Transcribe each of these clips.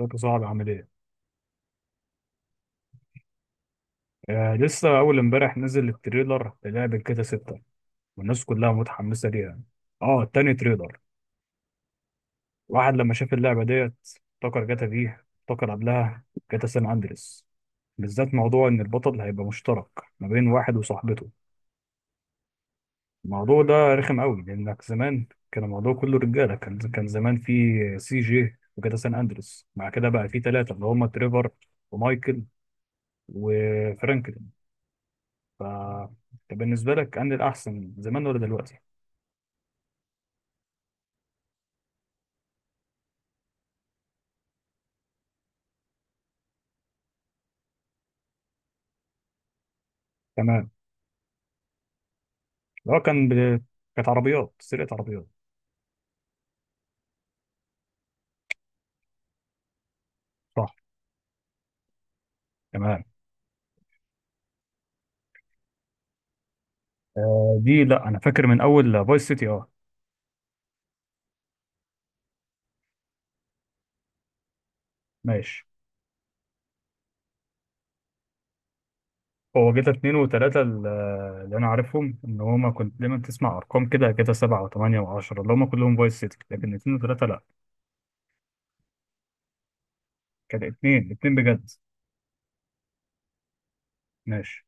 ازيك صعب؟ عامل ايه؟ آه، لسه اول امبارح نزل التريلر للعبة كده ستة، والناس كلها متحمسة ليها. اه، تاني تريلر. واحد لما شاف اللعبة ديت افتكر جاتا فيه، افتكر قبلها، جاتا سان اندريس، بالذات موضوع ان البطل هيبقى مشترك ما بين واحد وصاحبته. الموضوع ده رخم قوي، لانك زمان كان الموضوع كله رجالة. كان زمان في سي جي وجاتا سان اندريس، مع كده بقى في ثلاثة اللي هم تريفر ومايكل وفرانكل. ف بالنسبة لك أنهي الأحسن، زمان ولا دلوقتي؟ تمام. لو كان كانت عربيات سرقة عربيات. صح. تمام. آه دي لا، أنا فاكر من أول فايس سيتي، أه. ماشي. هو جيتا اتنين وتلاتة اللي أنا عارفهم إن هما كنت دايما تسمع أرقام كده جيتا سبعة وتمانية وعشرة اللي هما كلهم فايس سيتي، لكن اتنين وتلاتة لا. كان اتنين اتنين بجد. ماشي.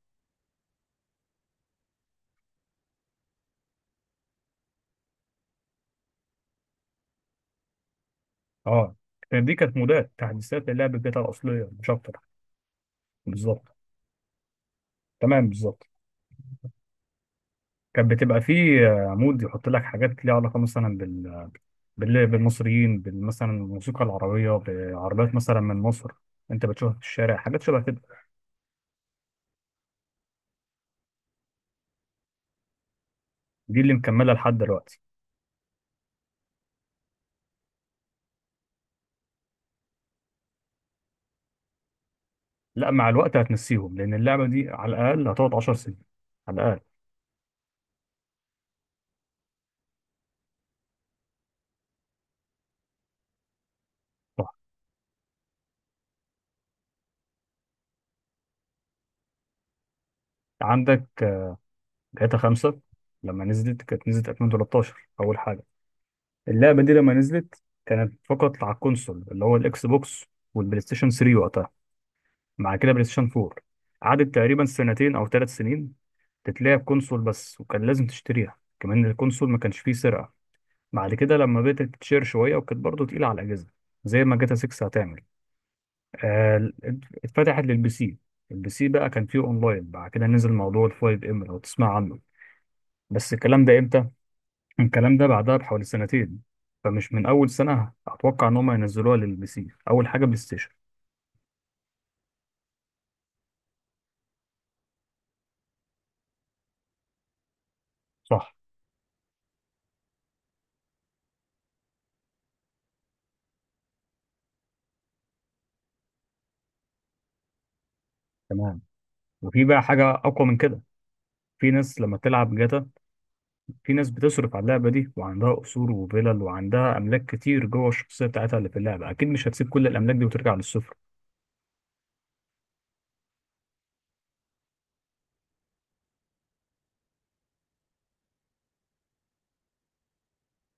أه دي كانت مودات تحديثات للعبة جيتا الأصلية مش أكتر. بالظبط. تمام بالظبط. كانت بتبقى فيه عمود يحط لك حاجات ليها علاقة، مثلا بالمصريين، مثلا الموسيقى العربية، بعربيات مثلا من مصر انت بتشوفها في الشارع، حاجات شبه كده. دي اللي مكملة لحد دلوقتي. لا، مع الوقت هتنسيهم، لأن اللعبة دي على الأقل هتقعد 10 سنين. على الأقل. صح. عندك جاتا 5 لما نزلت كانت نزلت 2013 أول حاجة. اللعبة دي لما نزلت كانت فقط على الكونسول اللي هو الإكس بوكس والبلاي ستيشن 3 وقتها، مع كده بلاي ستيشن 4. قعدت تقريبا سنتين او 3 سنين تتلعب كونسول بس، وكان لازم تشتريها كمان، الكونسول ما كانش فيه سرقة. بعد كده لما بدأت تتشير شوية، وكانت برضه تقيلة على الأجهزة زي ما جاتا 6 هتعمل. آه، ال- اتفتحت للبي سي. البي سي بقى كان فيه اونلاين، بعد كده نزل موضوع ال 5 ام لو تسمع عنه. بس الكلام ده امتى؟ الكلام ده بعدها بحوالي سنتين، فمش من أول سنة أتوقع إن هم ينزلوها للبي سي، أول حاجة بلاي ستيشن. صح. تمام. وفي بقى حاجة أقوى من كده. في ناس لما تلعب جاتا، في ناس بتصرف على اللعبة دي وعندها قصور وفلل وعندها أملاك كتير جوه الشخصية بتاعتها اللي في اللعبة، أكيد مش هتسيب كل الأملاك دي وترجع للصفر.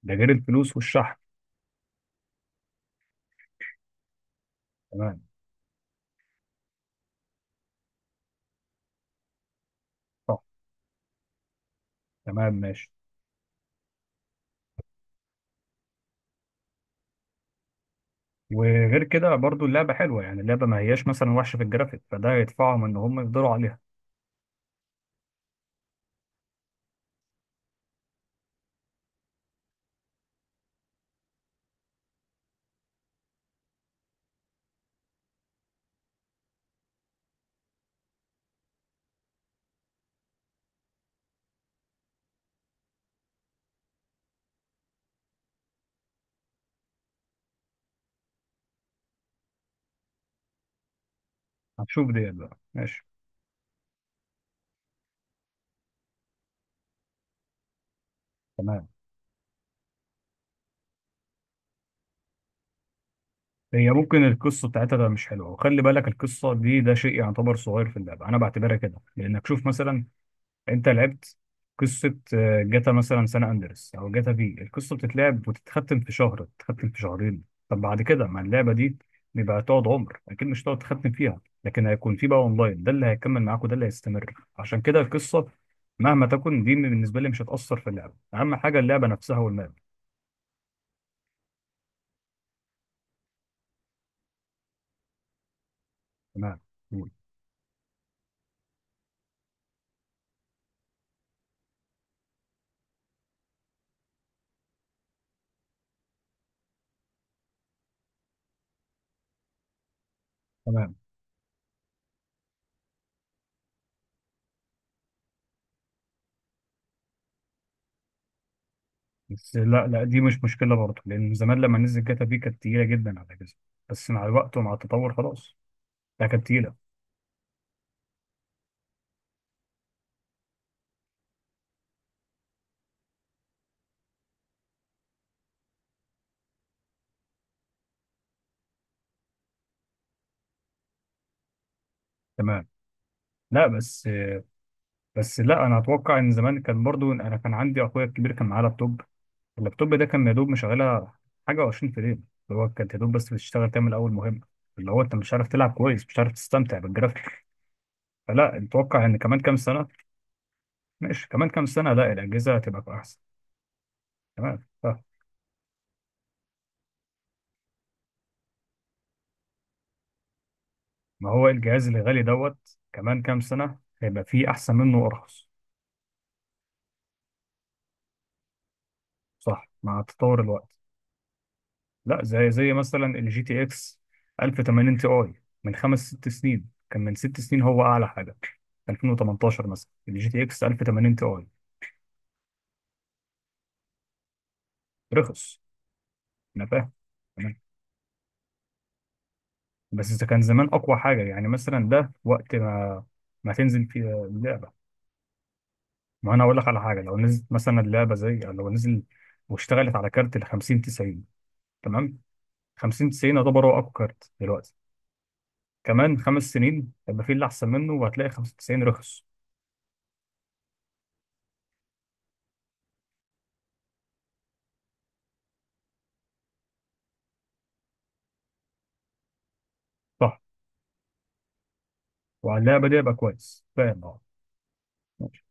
ده غير الفلوس والشحن. تمام. صح. تمام ماشي. وغير كده برضو اللعبة حلوة، يعني اللعبة ما هياش مثلا وحشة في الجرافيك، فده يدفعهم إن هم يفضلوا عليها. هتشوف ديت بقى. ماشي. تمام. هي ممكن القصة بتاعتها ده مش حلوة، وخلي بالك القصة دي ده شيء يعتبر صغير في اللعبة، أنا بعتبرها كده لأنك شوف مثلا انت لعبت قصة جاتا مثلا سان اندرس او جاتا، في القصة بتتلعب وتتختم في شهر، تتختم في شهرين. طب بعد كده ما اللعبة دي بيبقى تقعد عمر، اكيد مش هتقعد تختم فيها، لكن هيكون في بقى اونلاين، ده اللي هيكمل معاك وده اللي هيستمر، عشان كده القصة مهما تكن دي بالنسبة لي مش هتأثر في اللعبة. اهم حاجة اللعبة نفسها والماب. تمام. قول. تمام. بس لا لا، دي مش مشكلة برضه، لان زمان لما نزل جاتا في كانت تقيلة جدا على جزء، بس مع الوقت ومع التطور خلاص. لا كانت تقيلة. تمام. لا بس لا انا اتوقع ان زمان كان برضو انا كان عندي اخويا الكبير كان معاه لابتوب، اللابتوب ده كان يا دوب مشغلها حاجه و20 فريم، اللي هو كانت يا دوب بس بتشتغل تعمل اول مهمه، اللي هو انت مش عارف تلعب كويس، مش عارف تستمتع بالجرافيك. فلا، اتوقع ان كمان كام سنه. ماشي. كمان كام سنه، لا الاجهزه هتبقى احسن. تمام. ما هو الجهاز الغالي دوت كمان كام سنه هيبقى فيه احسن منه وارخص. صح، مع تطور الوقت. لا، زي مثلا الجي تي اكس 1080 تي اي، من خمس ست سنين، كان من 6 سنين هو اعلى حاجه. 2018 مثلا الجي تي اكس 1080 تي اي. رخص. انا فاهم. تمام. بس اذا كان زمان اقوى حاجه، يعني مثلا ده وقت ما ما تنزل في اللعبه، ما انا اقول لك على حاجه، لو نزلت مثلا اللعبه، زي لو نزل واشتغلت على كارت ال 50 90. تمام. 50 90 يعتبر هو اقوى كارت دلوقتي، كمان 5 سنين هيبقى في اللي احسن منه، وهتلاقي 95 رخص. صح. وعلى اللعبه دي يبقى كويس، فاهم اه. ماشي.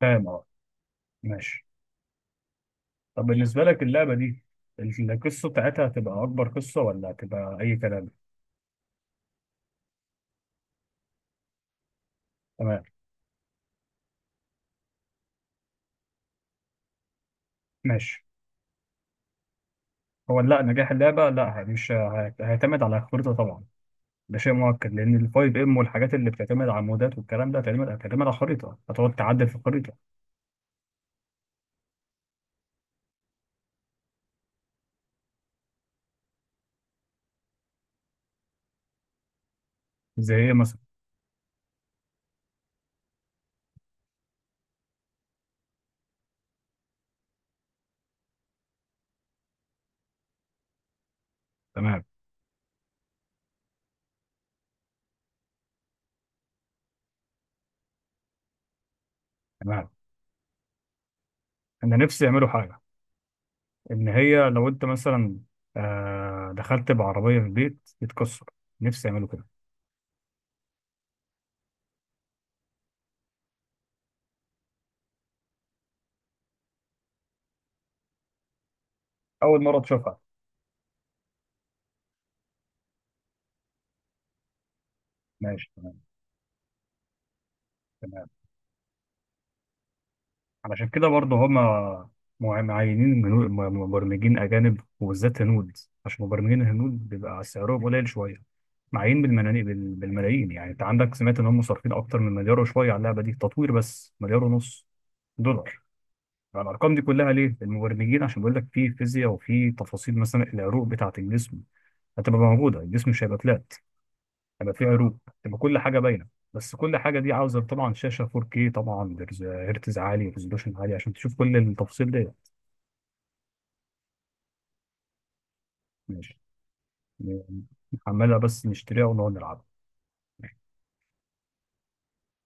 فاهم اه. ماشي. طب بالنسبة لك اللعبة دي، القصة بتاعتها هتبقى أكبر قصة ولا هتبقى أي كلام؟ تمام. ماشي. هو لا، نجاح اللعبة لا، مش هيعتمد على الخريطة طبعا. ده شيء مؤكد، لأن الفايف ام والحاجات اللي بتعتمد على المودات والكلام ده هتعتمد على الخريطة، هتقعد تعدل في الخريطة. زي إيه مثلا؟ تمام. تمام. أنا نفسي يعملوا حاجة، إن هي لو أنت مثلا دخلت بعربية في البيت تتكسر. نفسي يعملوا كده. أول مرة تشوفها. ماشي. تمام. تمام. علشان كده برضه هما معينين مبرمجين أجانب، وبالذات هنود، عشان مبرمجين الهنود بيبقى سعرهم قليل شوية. معين بالملايين بالملايين، يعني أنت عندك سمعت إن هم صارفين أكتر من مليار وشوية على اللعبة دي تطوير، بس مليار ونص دولار. فالأرقام دي كلها ليه؟ المبرمجين عشان بيقول لك في فيزياء وفي تفاصيل، مثلا العروق بتاعة الجسم هتبقى موجودة، الجسم مش هيبقى فلات، هيبقى في عروض، تبقى كل حاجه باينه. بس كل حاجه دي عاوزه طبعا شاشه 4K، طبعا هرتز عالي، ريزولوشن عالي، عشان تشوف كل التفاصيل دي. ماشي. عمالة بس نشتريها ونقعد نلعب.